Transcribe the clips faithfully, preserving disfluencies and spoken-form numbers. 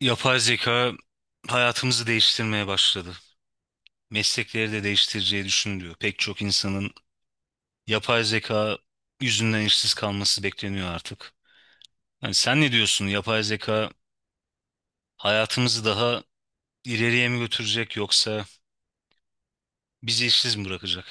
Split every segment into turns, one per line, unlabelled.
Yapay zeka hayatımızı değiştirmeye başladı. Meslekleri de değiştireceği düşünülüyor. Pek çok insanın yapay zeka yüzünden işsiz kalması bekleniyor artık. Yani sen ne diyorsun? Yapay zeka hayatımızı daha ileriye mi götürecek yoksa bizi işsiz mi bırakacak?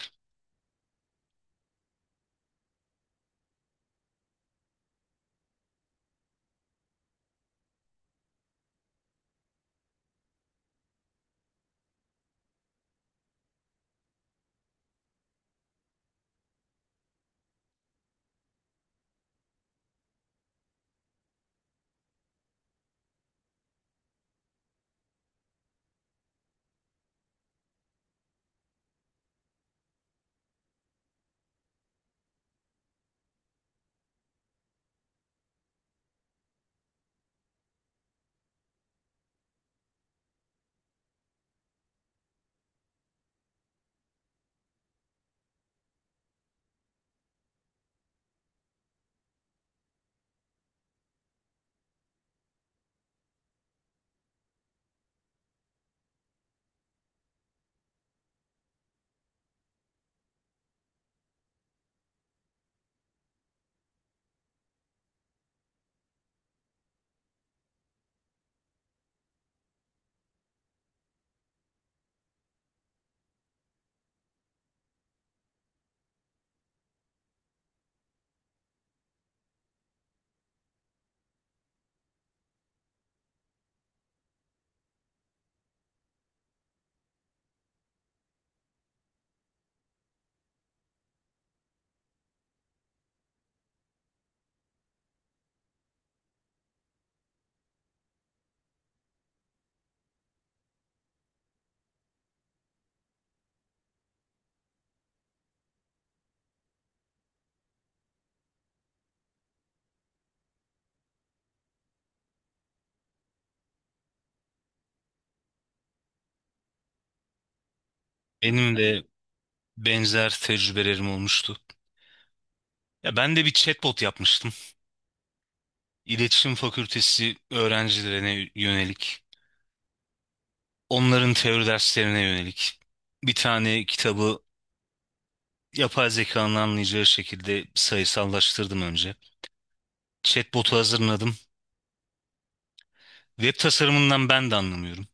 Benim de benzer tecrübelerim olmuştu. Ya ben de bir chatbot yapmıştım. İletişim Fakültesi öğrencilerine yönelik, onların teori derslerine yönelik bir tane kitabı yapay zekanın anlayacağı şekilde sayısallaştırdım önce. Chatbot'u hazırladım. Web tasarımından ben de anlamıyorum.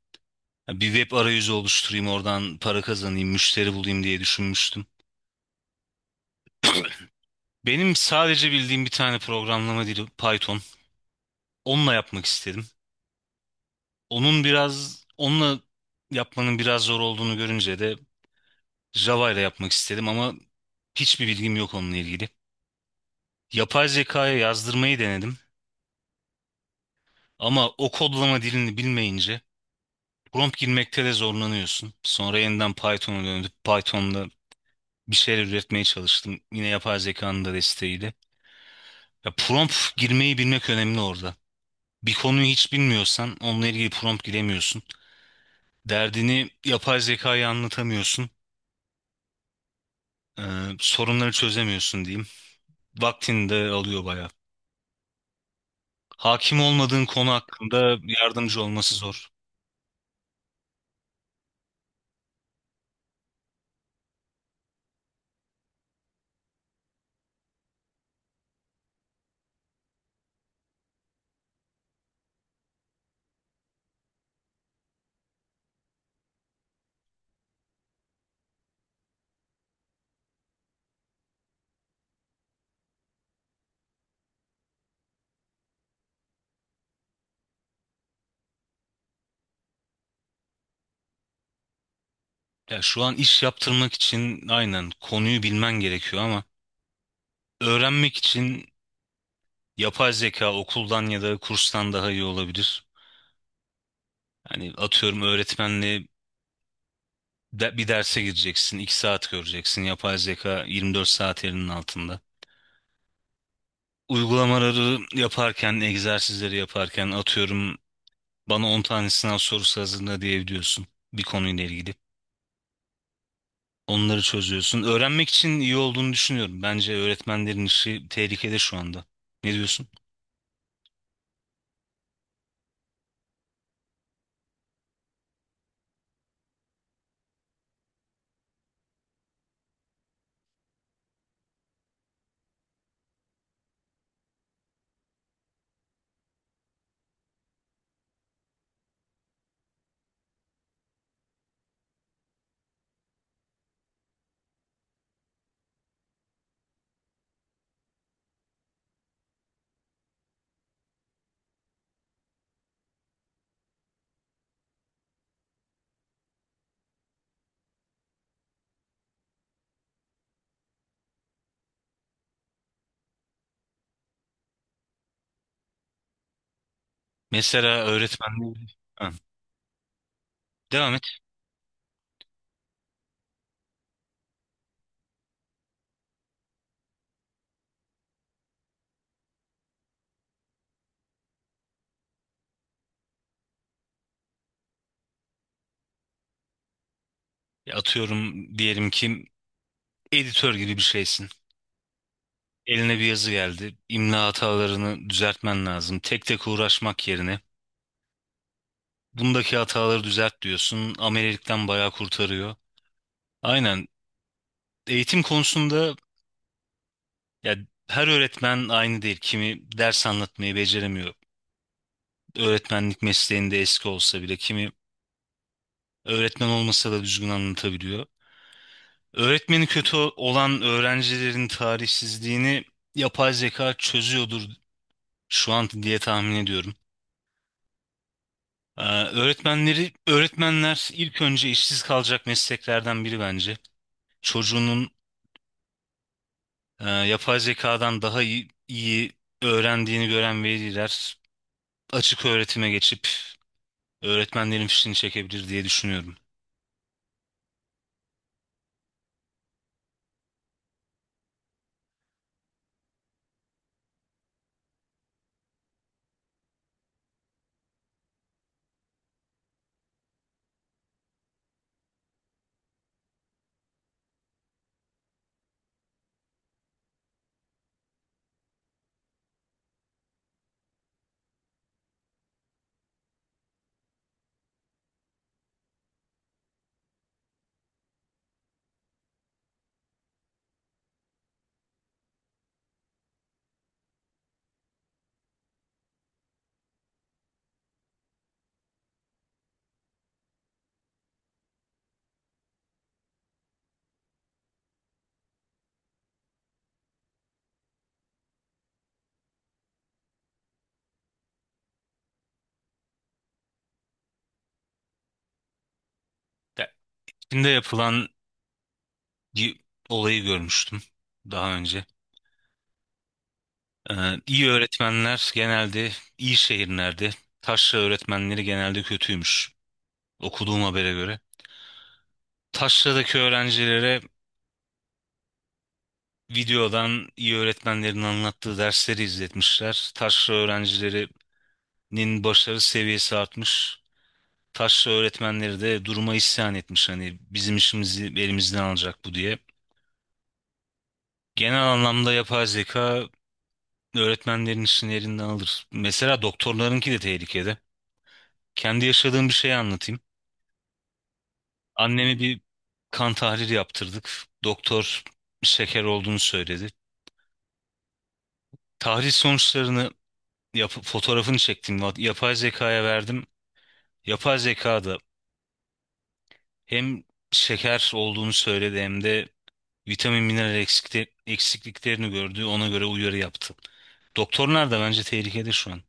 Ya bir web arayüzü oluşturayım, oradan para kazanayım, müşteri bulayım diye düşünmüştüm. Benim sadece bildiğim bir tane programlama dili Python. Onunla yapmak istedim. Onun biraz, onunla yapmanın biraz zor olduğunu görünce de Java ile yapmak istedim ama hiçbir bilgim yok onunla ilgili. Yapay zekaya yazdırmayı denedim ama o kodlama dilini bilmeyince prompt girmekte de zorlanıyorsun. Sonra yeniden Python'a döndüm. Python'da bir şeyler üretmeye çalıştım. Yine yapay zekanın da desteğiyle. Ya prompt girmeyi bilmek önemli orada. Bir konuyu hiç bilmiyorsan onunla ilgili prompt giremiyorsun. Derdini yapay zekaya anlatamıyorsun. Ee, sorunları çözemiyorsun diyeyim. Vaktini de alıyor bayağı. Hakim olmadığın konu hakkında yardımcı olması zor. Ya şu an iş yaptırmak için aynen konuyu bilmen gerekiyor ama öğrenmek için yapay zeka okuldan ya da kurstan daha iyi olabilir. Hani atıyorum öğretmenle de- bir derse gireceksin, iki saat göreceksin. Yapay zeka yirmi dört saat elinin altında. Uygulamaları yaparken, egzersizleri yaparken atıyorum bana on tane sınav sorusu hazırla diyebiliyorsun bir konuyla ilgili. Onları çözüyorsun. Öğrenmek için iyi olduğunu düşünüyorum. Bence öğretmenlerin işi tehlikede şu anda. Ne diyorsun? Mesela öğretmenler... Ha, devam et. Atıyorum diyelim ki editör gibi bir şeysin. Eline bir yazı geldi. İmla hatalarını düzeltmen lazım. Tek tek uğraşmak yerine bundaki hataları düzelt diyorsun. Amelilikten bayağı kurtarıyor. Aynen. Eğitim konusunda ya her öğretmen aynı değil. Kimi ders anlatmayı beceremiyor. Öğretmenlik mesleğinde eski olsa bile kimi öğretmen olmasa da düzgün anlatabiliyor. Öğretmeni kötü olan öğrencilerin tarihsizliğini yapay zeka çözüyordur şu an diye tahmin ediyorum. Ee, öğretmenleri, öğretmenler ilk önce işsiz kalacak mesleklerden biri bence. Çocuğunun e, yapay zekadan daha iyi, iyi öğrendiğini gören veliler açık öğretime geçip öğretmenlerin fişini çekebilir diye düşünüyorum. Ya, Çin'de yapılan bir olayı görmüştüm daha önce. Ee, iyi öğretmenler genelde iyi şehirlerde, taşra öğretmenleri genelde kötüymüş okuduğum habere göre. Taşra'daki öğrencilere videodan iyi öğretmenlerin anlattığı dersleri izletmişler. Taşra öğrencilerinin başarı seviyesi artmış. Taşra öğretmenleri de duruma isyan etmiş. Hani bizim işimizi elimizden alacak bu diye. Genel anlamda yapay zeka öğretmenlerin işini elinden alır. Mesela doktorlarınki de tehlikede. Kendi yaşadığım bir şeyi anlatayım. Annemi bir kan tahlili yaptırdık. Doktor şeker olduğunu söyledi. Tahlil sonuçlarını yapıp fotoğrafını çektim. Yapay zekaya verdim. Yapay zeka da hem şeker olduğunu söyledi hem de vitamin mineral eksikte- eksikliklerini gördü. Ona göre uyarı yaptı. Doktorlar da bence tehlikede şu an.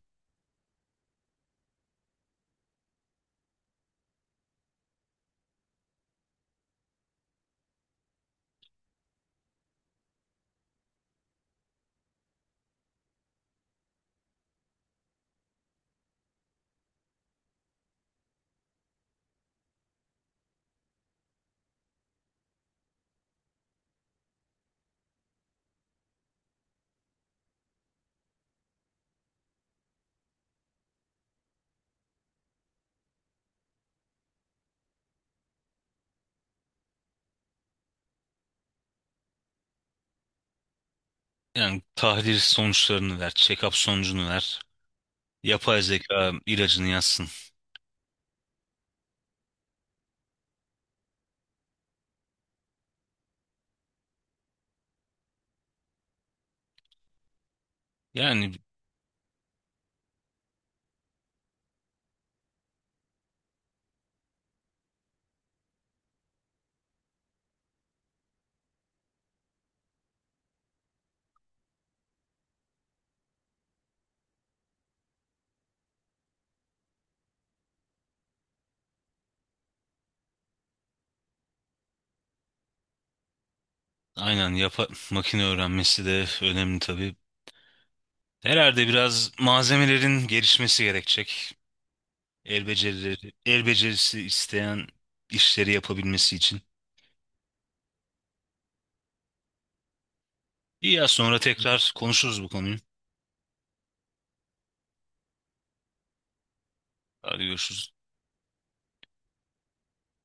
Yani tahlil sonuçlarını ver, check-up sonucunu ver. Yapay zeka ilacını yazsın. Yani aynen yapa makine öğrenmesi de önemli tabii. Herhalde biraz malzemelerin gelişmesi gerekecek. El becerileri, el becerisi isteyen işleri yapabilmesi için. İyi ya sonra tekrar konuşuruz bu konuyu. Hadi görüşürüz.